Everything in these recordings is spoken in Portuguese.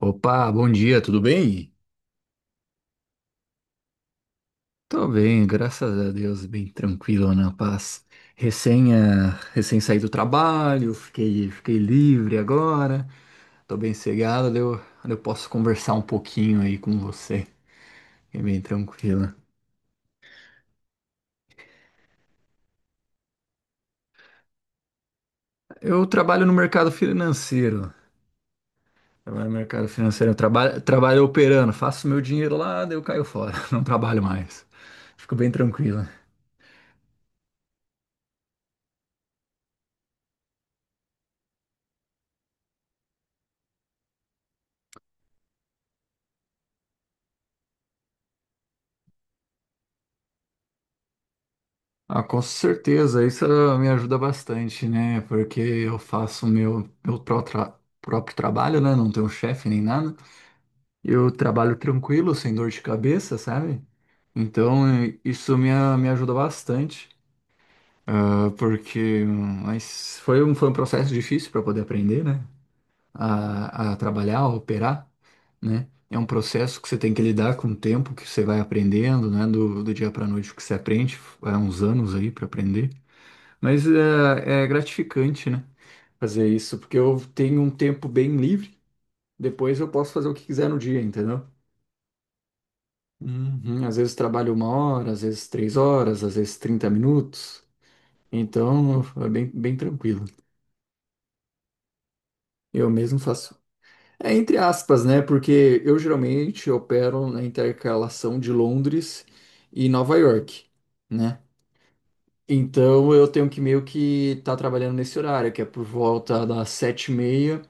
Opa, bom dia, tudo bem? Tô bem, graças a Deus, bem tranquilo, na paz. Recém saí do trabalho, fiquei livre agora, tô bem cegado, daí eu posso conversar um pouquinho aí com você, é bem tranquilo. Eu trabalho no mercado financeiro, trabalho no mercado financeiro, trabalho operando, faço meu dinheiro lá, daí eu caio fora, não trabalho mais. Fico bem tranquilo. Ah, com certeza, isso me ajuda bastante, né? Porque eu faço meu próprio trabalho, né? Não tenho chefe nem nada. Eu trabalho tranquilo, sem dor de cabeça, sabe? Então, me ajuda bastante, ah, porque mas foi um processo difícil para poder aprender, né? A trabalhar, a operar, né? É um processo que você tem que lidar com o tempo que você vai aprendendo, né? Do dia para noite que você aprende, é uns anos aí para aprender. Mas é gratificante, né? Fazer isso, porque eu tenho um tempo bem livre, depois eu posso fazer o que quiser no dia, entendeu? Uhum. Às vezes trabalho uma hora, às vezes três horas, às vezes 30 minutos. Então é bem tranquilo. Eu mesmo faço. É entre aspas, né? Porque eu geralmente opero na intercalação de Londres e Nova York, né? Então eu tenho que meio que estar trabalhando nesse horário, que é por volta das sete e meia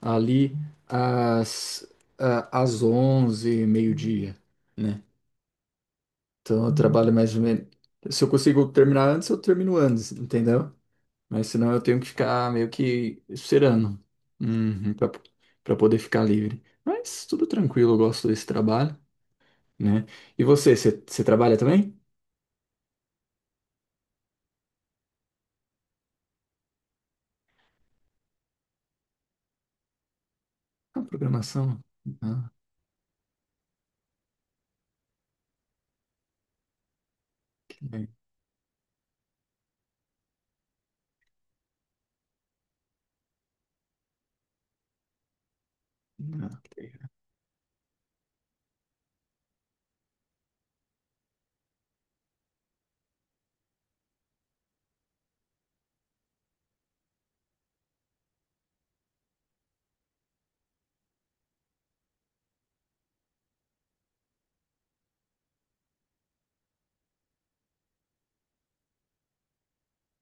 ali às, às 11, meio-dia, né? Então eu trabalho mais ou menos. Se eu consigo terminar antes, eu termino antes, entendeu? Mas senão eu tenho que ficar meio que esperando, uhum, para poder ficar livre. Mas tudo tranquilo, eu gosto desse trabalho, né? E você trabalha também? Ah, programação. Ah, que le- ah, que le-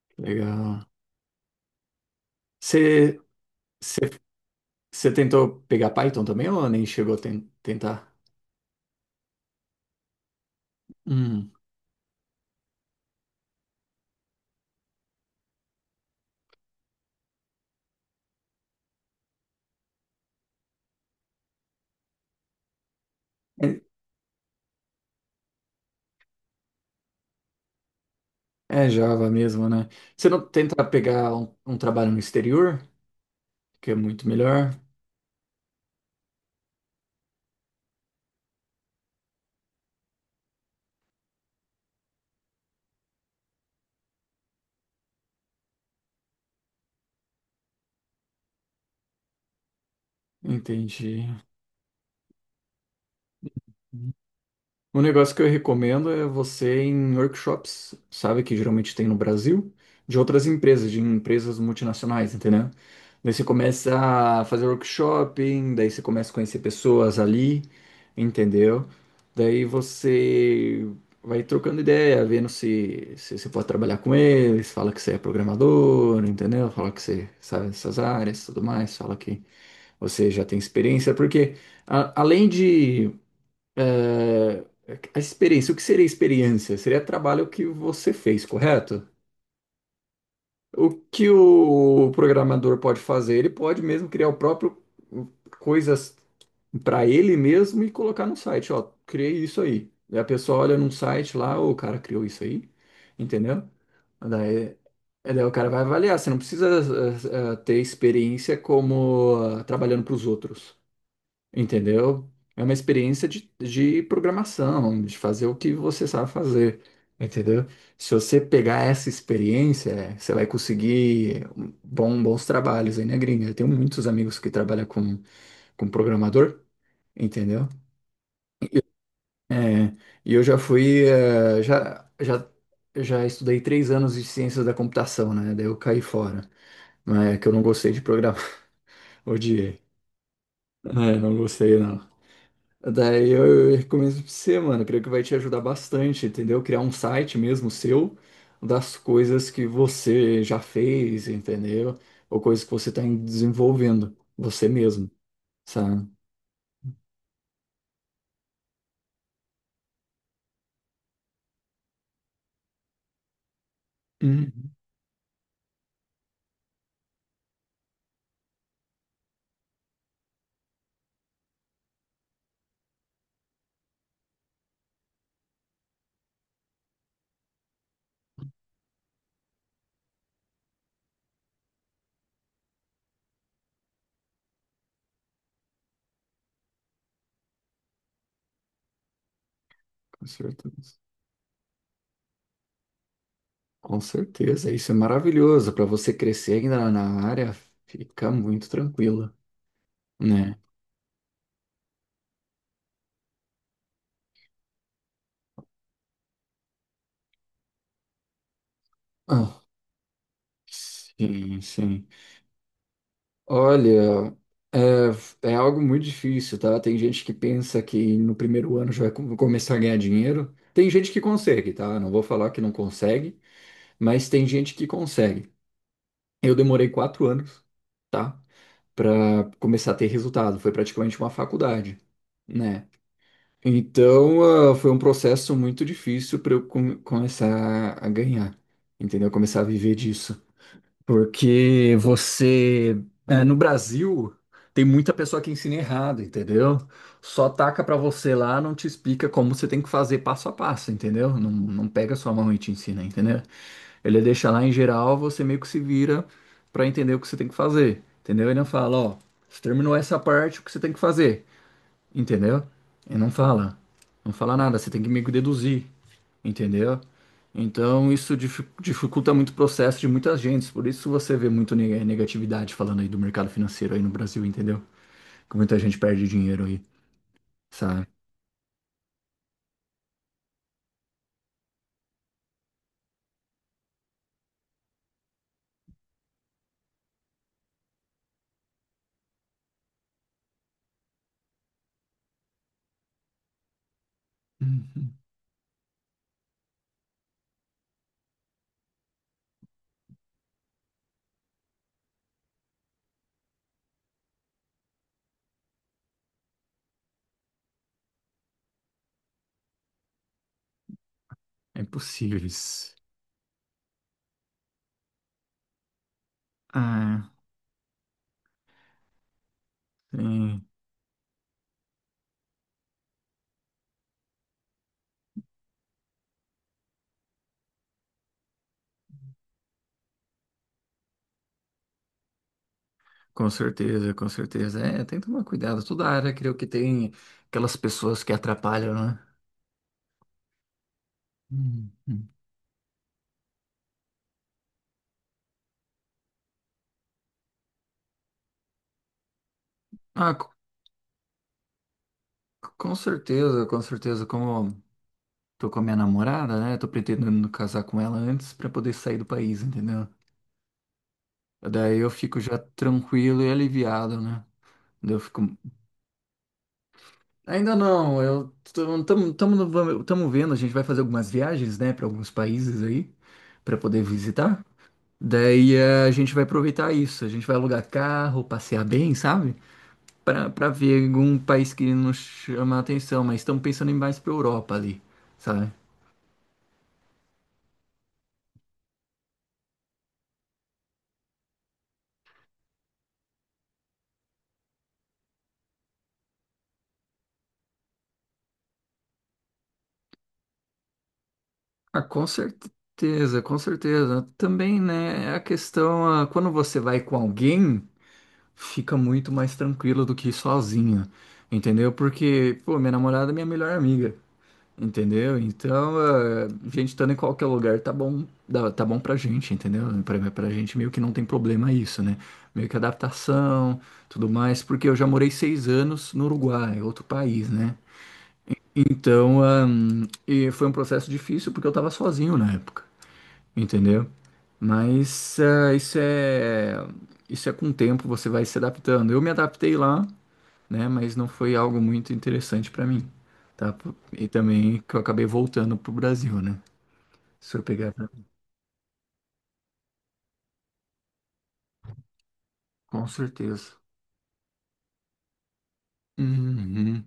que legal. Você, você, Você tentou pegar Python também ou nem chegou a tentar? Hum. É Java mesmo, né? Você não tenta pegar um trabalho no exterior, que é muito melhor? Entendi. Um negócio que eu recomendo é você ir em workshops, sabe, que geralmente tem no Brasil, de outras empresas, de empresas multinacionais, entendeu? Daí você começa a fazer workshopping, daí você começa a conhecer pessoas ali, entendeu? Daí você vai trocando ideia, vendo se você pode trabalhar com eles, fala que você é programador, entendeu? Fala que você sabe essas áreas, tudo mais, fala que você já tem experiência, porque além de é, a experiência, o que seria experiência? Seria trabalho que você fez, correto? O que o programador pode fazer? Ele pode mesmo criar o próprio hum, coisas para ele mesmo e colocar no site, ó, criei isso aí. Daí a pessoa olha num site lá, "Ô, o cara criou isso aí, entendeu?" Daí, daí o cara vai avaliar, você não precisa ter experiência como ah, trabalhando para os outros. Entendeu? É uma experiência de programação, de fazer o que você sabe fazer, entendeu? Se você pegar essa experiência, é, você vai conseguir um bons trabalhos aí na gringa. Eu tenho muitos amigos que trabalham com programador, entendeu? É, e eu já fui, já estudei 3 anos de ciências da computação, né? Daí eu caí fora, mas é que eu não gostei de programar, odiei. É, não gostei, não. Eu recomendo pra você, mano. Creio que vai te ajudar bastante, entendeu? Criar um site mesmo seu das coisas que você já fez, entendeu? Ou coisas que você tá desenvolvendo, você mesmo, sabe? Uhum, com certeza. Com certeza. Isso é maravilhoso, para você crescer ainda na na área, fica muito tranquilo, né? Ah, sim, sim. Olha, é algo muito difícil, tá? Tem gente que pensa que no primeiro ano já vai começar a ganhar dinheiro. Tem gente que consegue, tá? Não vou falar que não consegue, mas tem gente que consegue. Eu demorei 4 anos, tá, para começar a ter resultado. Foi praticamente uma faculdade, né? Então, ah, foi um processo muito difícil para eu começar a ganhar, entendeu? Começar a viver disso. Porque você, é, no Brasil, tem muita pessoa que ensina errado, entendeu? Só taca pra você lá, não te explica como você tem que fazer passo a passo, entendeu? Não pega sua mão e te ensina, entendeu? Ele deixa lá em geral, você meio que se vira pra entender o que você tem que fazer, entendeu? Ele não fala, ó, você terminou essa parte, o que você tem que fazer, entendeu? Ele não fala, não fala nada, você tem que meio que deduzir, entendeu? Então isso dificulta muito o processo de muitas gentes, por isso você vê muito negatividade falando aí do mercado financeiro aí no Brasil, entendeu? Que muita gente perde dinheiro aí, sabe? Hum. É impossível isso. Ah, sim, com certeza, com certeza. É, tem que tomar cuidado. Toda área, creio que tem aquelas pessoas que atrapalham, né? Hum, hum. Ah, co- com certeza, com certeza. Como tô com a minha namorada, né? Tô pretendendo casar com ela antes pra poder sair do país, entendeu? Daí eu fico já tranquilo e aliviado, né? Daí eu fico. Ainda não, eu estamos vendo, a gente vai fazer algumas viagens, né, para alguns países aí, para poder visitar. Daí a gente vai aproveitar isso, a gente vai alugar carro, passear bem, sabe? Para ver algum país que nos chama a atenção, mas estamos pensando em mais para Europa ali, sabe? Ah, com certeza, com certeza. Também, né, a questão, ah, quando você vai com alguém, fica muito mais tranquilo do que ir sozinho, entendeu? Porque, pô, minha namorada é minha melhor amiga, entendeu? Então, a gente estando em qualquer lugar tá bom, tá bom pra gente, entendeu? Pra gente meio que não tem problema isso, né? Meio que adaptação, tudo mais, porque eu já morei 6 anos no Uruguai, outro país, né? Então, e foi um processo difícil porque eu tava sozinho na época, entendeu? Mas ah, isso é com o tempo, você vai se adaptando. Eu me adaptei lá, né? Mas não foi algo muito interessante para mim, tá? P- e também que eu acabei voltando pro Brasil, né? Se eu pegar pra... Com certeza. Uhum.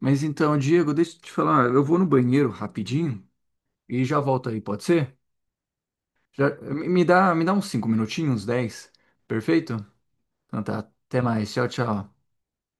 Mas então, Diego, deixa eu te falar, eu vou no banheiro rapidinho e já volto aí, pode ser? Já, me dá uns 5 minutinhos, 10. Perfeito? Então tá, até mais, tchau, tchau.